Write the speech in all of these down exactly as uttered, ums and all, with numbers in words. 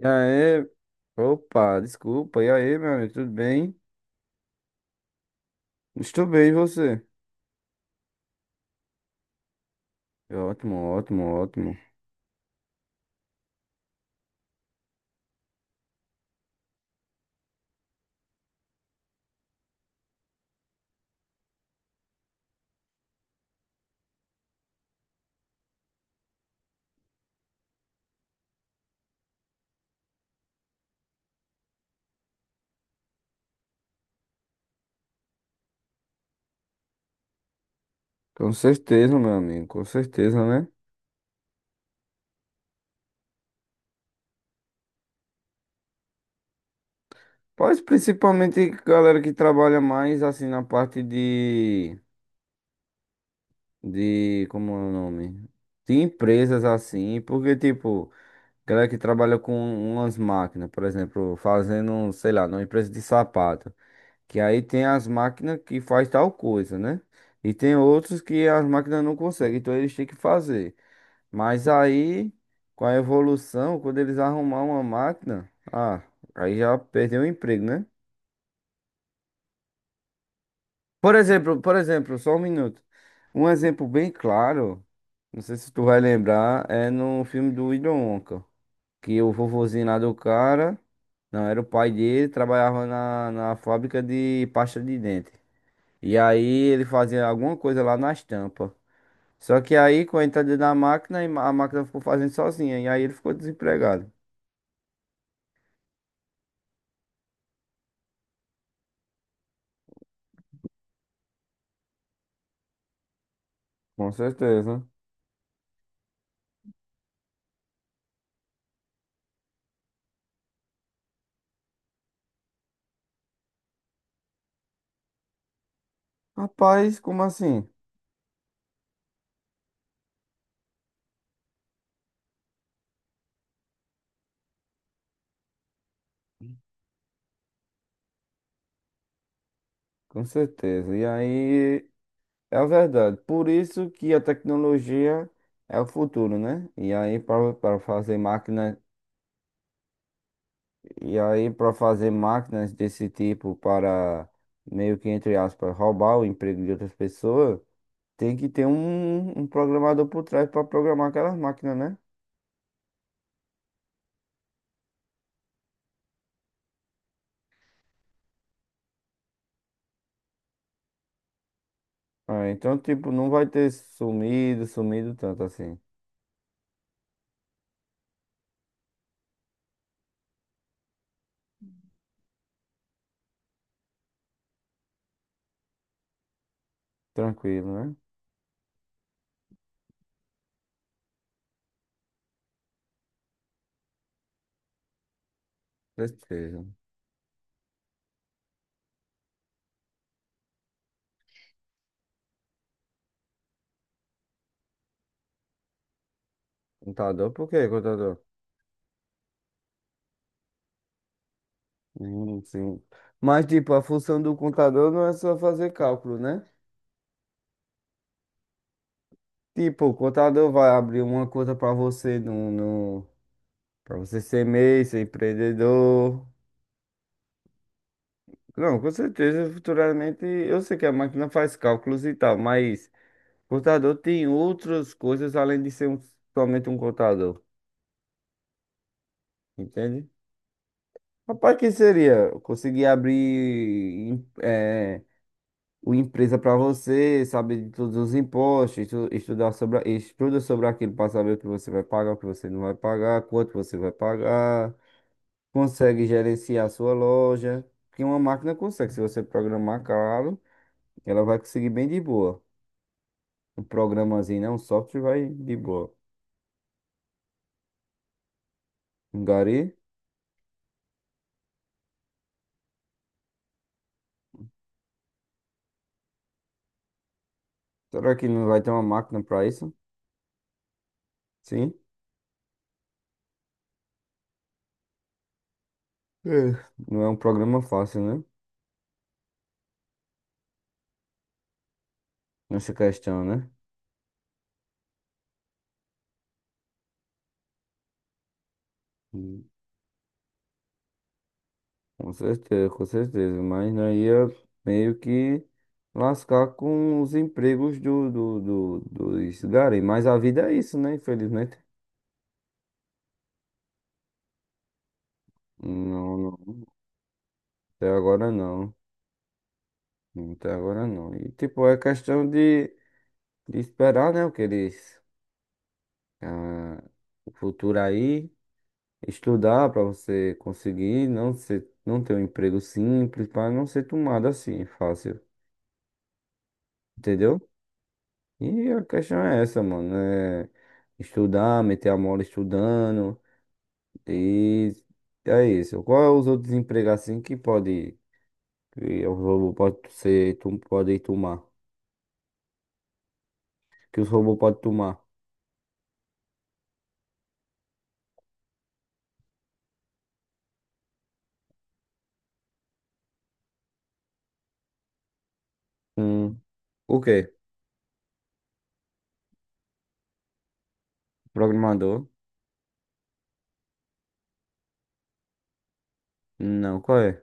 E aí, opa, desculpa. E aí, meu amigo, tudo bem? Estou bem, e você? Ótimo, ótimo, ótimo. Com certeza, meu amigo, com certeza, né? Pois principalmente galera que trabalha mais assim na parte de, de, como é o nome? De empresas assim, porque tipo, galera que trabalha com umas máquinas, por exemplo, fazendo, sei lá, numa empresa de sapato. Que aí tem as máquinas que faz tal coisa, né? E tem outros que as máquinas não conseguem, então eles têm que fazer. Mas aí, com a evolução, quando eles arrumar uma máquina, ah, aí já perdeu o emprego, né? Por exemplo, por exemplo, só um minuto. Um exemplo bem claro, não sei se tu vai lembrar, é no filme do Willy Wonka, que o vovozinho lá do cara, não, era o pai dele, trabalhava na, na fábrica de pasta de dente. E aí ele fazia alguma coisa lá na estampa. Só que aí, com a entrada da máquina, a máquina ficou fazendo sozinha. E aí ele ficou desempregado. Com certeza. Rapaz, como assim? Com certeza. E aí é verdade. Por isso que a tecnologia é o futuro, né? E aí para para fazer máquina, e aí para fazer máquinas desse tipo para meio que entre aspas roubar o emprego de outras pessoas, tem que ter um, um programador por trás para programar aquelas máquinas, né? Ah, então, tipo, não vai ter sumido, sumido tanto assim. Tranquilo, né? Certeza. Contador, por quê, contador? Hum, sim. Mas, tipo, a função do contador não é só fazer cálculo, né? Tipo, o contador vai abrir uma conta para você no, no, para você ser MEI, ser empreendedor. Não, com certeza, futuramente, eu sei que a máquina faz cálculos e tal, mas contador tem outras coisas além de ser um- somente um contador, entende? Rapaz, que seria? Conseguir abrir em- eh, uma empresa para você, saber de todos os impostos, estu- estudar sobre, a- estuda sobre aquilo para saber o que você vai pagar, o que você não vai pagar, quanto você vai pagar, consegue gerenciar a sua loja, porque uma máquina consegue, se você programar caro, ela vai conseguir bem de boa. Um programazinho, né? Um software vai de boa. Um gari? Será que não vai ter uma máquina para isso? Sim. É. Não é um programa fácil, né? Nessa questão, né? Hum. Com certeza, com certeza. Mas não ia meio que lascar com os empregos do, do, do, dos garim. Mas a vida é isso, né? Infelizmente. Não, não. Até agora não. Até agora não. E tipo, é questão de, de esperar, né? O que eles. ah, o futuro aí. Estudar para você conseguir não ser, não ter um emprego simples, para não ser tomado assim fácil, entendeu? E a questão é essa, mano, é estudar, meter a mola estudando e é isso. Qual é os outros empregos assim que pode que o robô pode ser, tu pode tomar, que os robôs podem tomar? Hum, o quê? Programador? Não, qual é?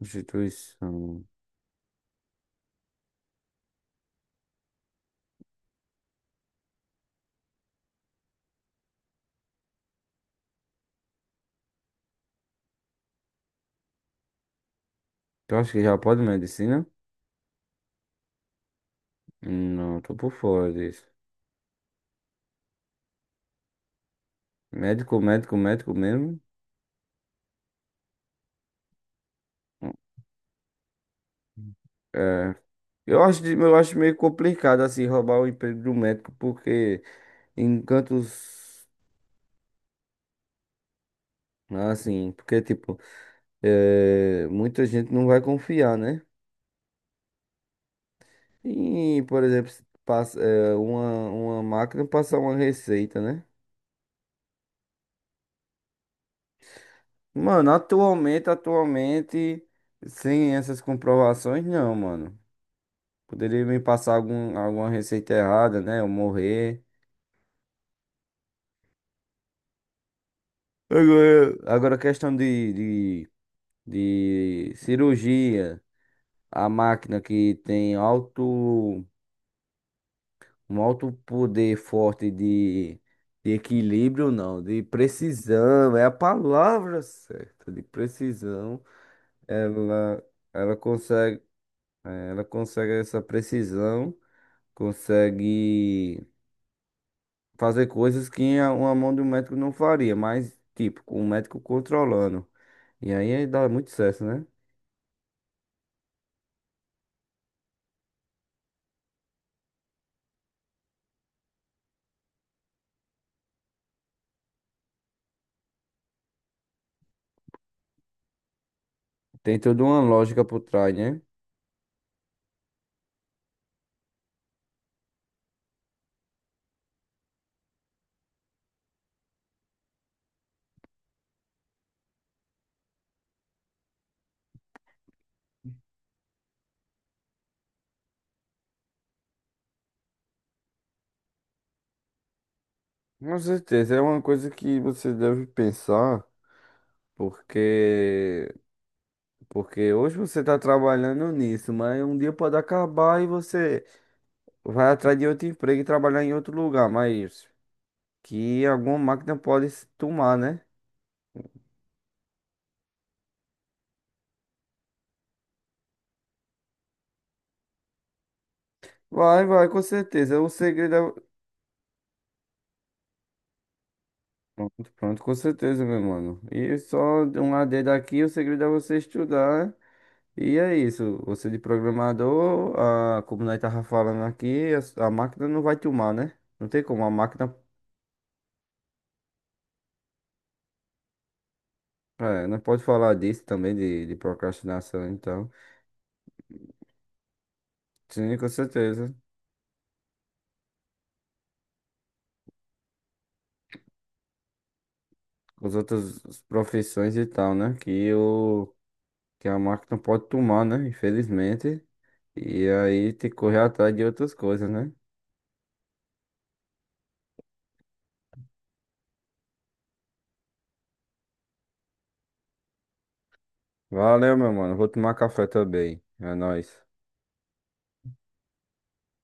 Instituição. Tu acha que já pode medicina? Não, tô por fora disso. Médico, médico, médico mesmo. É, eu acho, de- eu acho meio complicado assim roubar o emprego do médico, porque em cantos assim, porque tipo, é, muita gente não vai confiar, né? E, por exemplo, se passa, é, uma, uma máquina passar uma receita, né? Mano, atualmente, atualmente, sem essas comprovações, não, mano. Poderia me passar algum, alguma receita errada, né? Eu morrer. Agora, agora questão de, de de cirurgia, a máquina que tem alto, um alto poder forte de, de equilíbrio, não, de precisão, é a palavra certa, de precisão. Ela, ela consegue, eh, ela consegue essa precisão, consegue fazer coisas que a- uma mão do médico não faria, mas tipo, com o médico controlando. E aí dá muito certo, né? Tem toda uma lógica por trás, né? Com certeza, é uma coisa que você deve pensar, porque porque hoje você está trabalhando nisso, mas um dia pode acabar e você vai atrás de outro emprego e trabalhar em outro lugar, mas que alguma máquina pode se tomar, né? Vai, vai, com certeza. O segredo é... Pronto, pronto, com certeza, meu mano. E só de um A D daqui, o segredo é você estudar, né? E é isso, você de programador, a, como nós tava falando aqui, a, a máquina não vai te humar, né? Não tem como, a máquina, é, nós pode falar disso também, de, de procrastinação e tal. Sim, com certeza, com as outras profissões e tal, né? Que, o, que a máquina pode tomar, né? Infelizmente, e aí tem que correr atrás de outras coisas, né? Valeu, meu mano, vou tomar café também, é nóis.